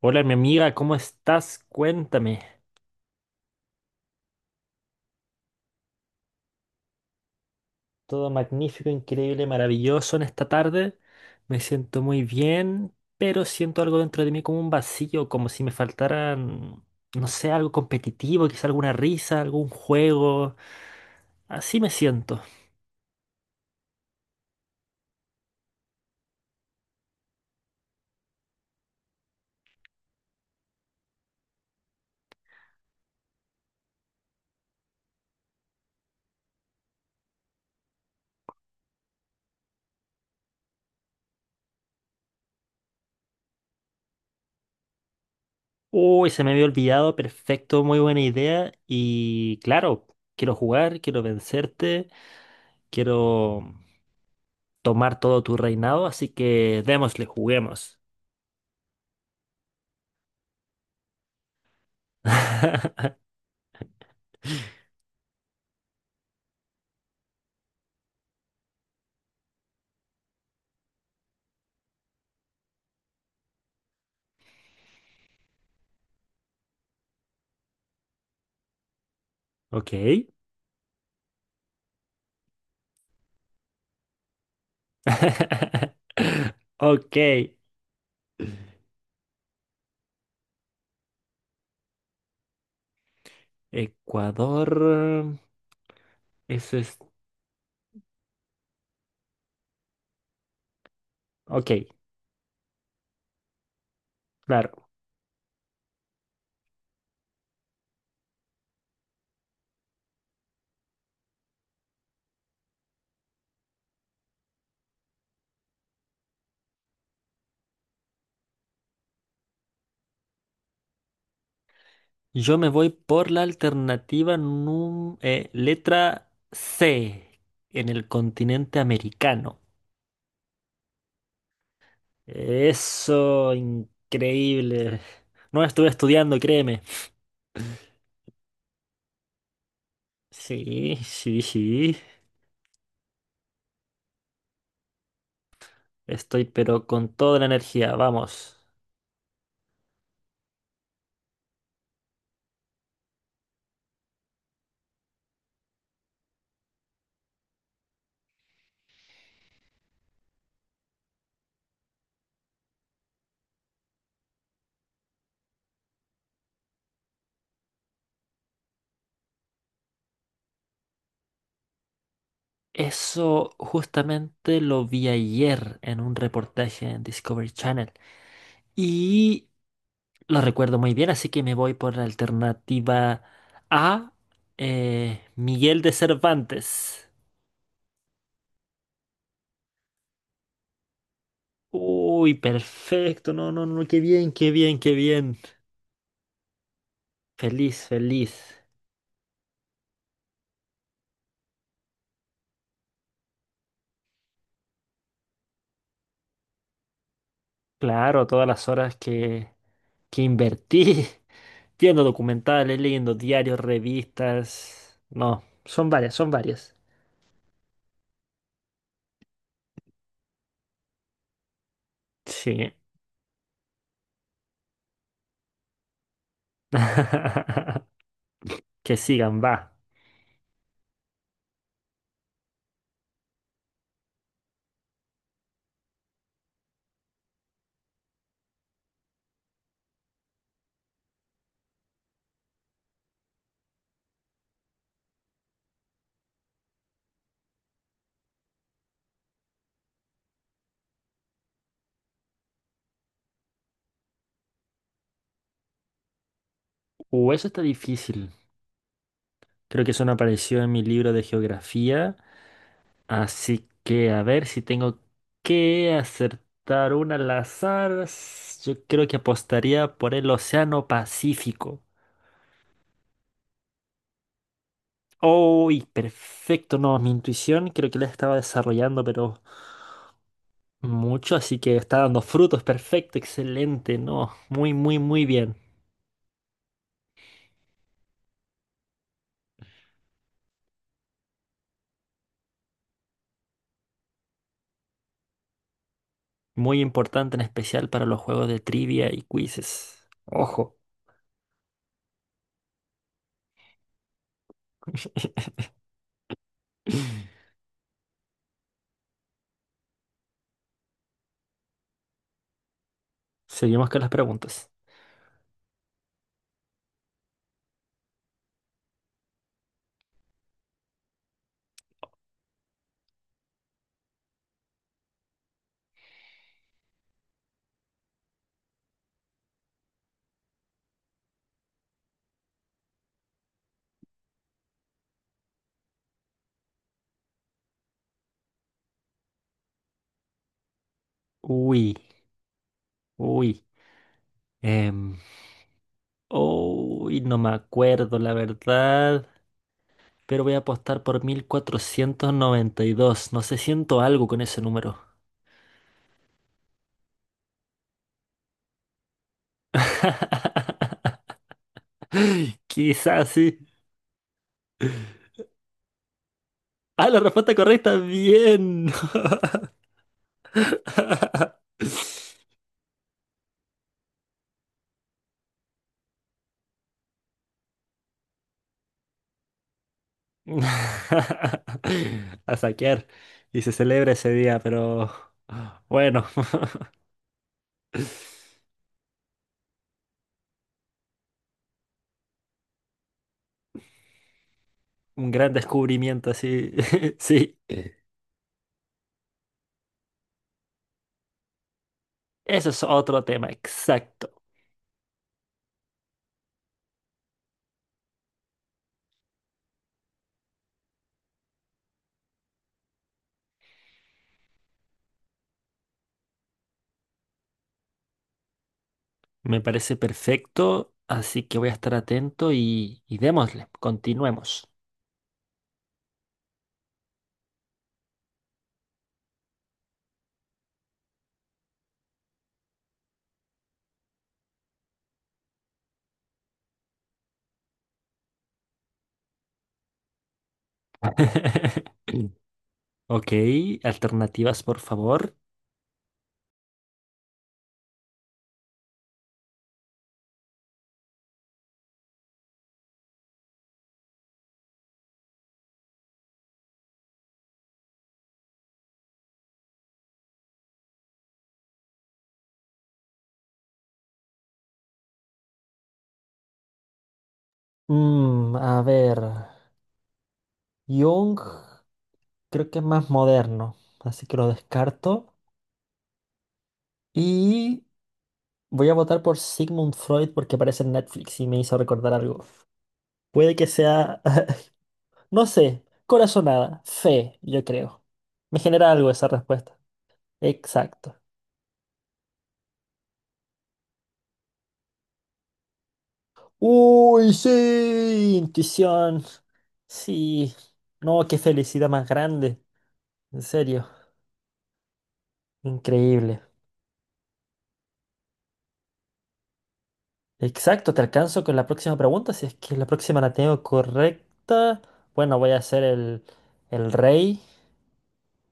Hola, mi amiga, ¿cómo estás? Cuéntame. Todo magnífico, increíble, maravilloso en esta tarde. Me siento muy bien, pero siento algo dentro de mí como un vacío, como si me faltaran, no sé, algo competitivo, quizá alguna risa, algún juego. Así me siento. Uy, se me había olvidado, perfecto, muy buena idea. Y claro, quiero jugar, quiero vencerte, quiero tomar todo tu reinado, así que démosle, juguemos. Ok. Ok, Ecuador. Ese es. Ok, claro. Yo me voy por la alternativa letra C, en el continente americano. Eso, increíble. No estuve estudiando, créeme. Sí, sí, sí. Estoy pero con toda la energía, vamos. Eso justamente lo vi ayer en un reportaje en Discovery Channel. Y lo recuerdo muy bien, así que me voy por la alternativa A, Miguel de Cervantes. Uy, perfecto, no, no, no, qué bien, qué bien, qué bien. Feliz, feliz. Claro, todas las horas que invertí viendo documentales, leyendo diarios, revistas. No, son varias, son varias. Sí. Que sigan, va. Eso está difícil. Creo que eso no apareció en mi libro de geografía. Así que a ver si tengo que acertar una al azar. Yo creo que apostaría por el Océano Pacífico. ¡Uy! Perfecto, no, mi intuición creo que la estaba desarrollando, pero mucho, así que está dando frutos. Perfecto, excelente, no. Muy, muy, muy bien. Muy importante en especial para los juegos de trivia y quizzes. Ojo. Seguimos con las preguntas. Uy, uy. Em, uy, no me acuerdo, la verdad. Pero voy a apostar por 1492. No sé, siento algo con ese número. Quizás sí. Ah, la respuesta correcta. Bien. A saquear. Y se celebra ese día, pero bueno, un gran descubrimiento, sí. Sí. Eso es otro tema, exacto. Me parece perfecto, así que voy a estar atento y démosle, continuemos. Ok, alternativas, por favor. Mm, a ver, Jung creo que es más moderno, así que lo descarto. Y voy a votar por Sigmund Freud porque aparece en Netflix y me hizo recordar algo. Puede que sea, no sé, corazonada, fe, yo creo. Me genera algo esa respuesta. Exacto. Uy, sí, intuición. Sí. No, qué felicidad más grande. En serio, increíble. Exacto, te alcanzo con la próxima pregunta. Si es que la próxima la tengo correcta, bueno, voy a ser el rey,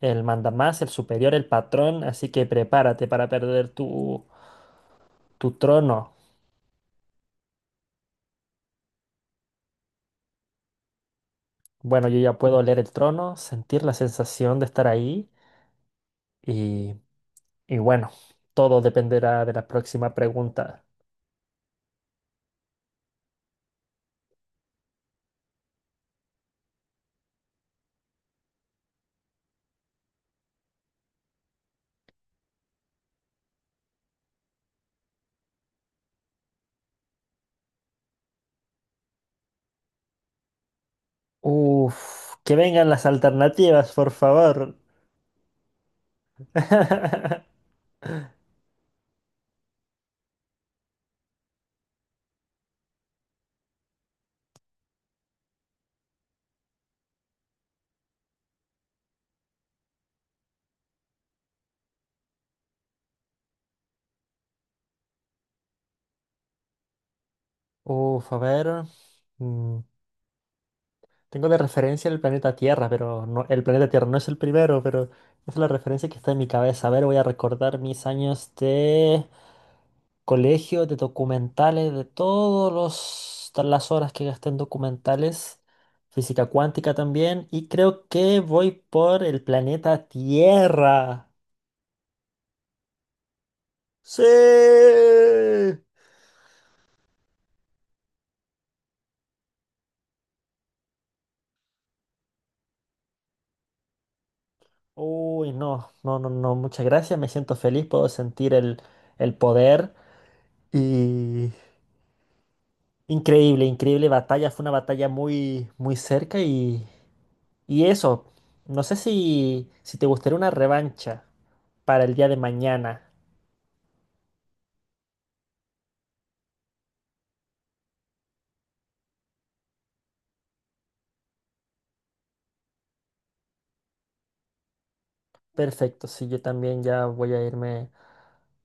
el mandamás, el superior, el patrón. Así que prepárate para perder tu, tu trono. Bueno, yo ya puedo leer el trono, sentir la sensación de estar ahí. Y, y bueno, todo dependerá de la próxima pregunta. Uf, que vengan las alternativas, por favor. Uf, a ver. mm, Tengo de referencia el planeta Tierra, pero no, el planeta Tierra no es el primero, pero es la referencia que está en mi cabeza. A ver, voy a recordar mis años de colegio, de documentales, de todas las horas que gasté en documentales, física cuántica también, y creo que voy por el planeta Tierra. ¡Sí! Uy, no, no, no, no, muchas gracias, me siento feliz, puedo sentir el poder y increíble, increíble batalla, fue una batalla muy, muy cerca y eso, no sé si, si te gustaría una revancha para el día de mañana. Perfecto, sí, yo también ya voy a irme,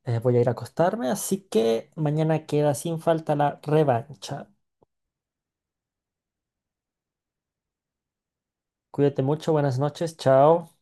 voy a ir a acostarme, así que mañana queda sin falta la revancha. Cuídate mucho, buenas noches, chao.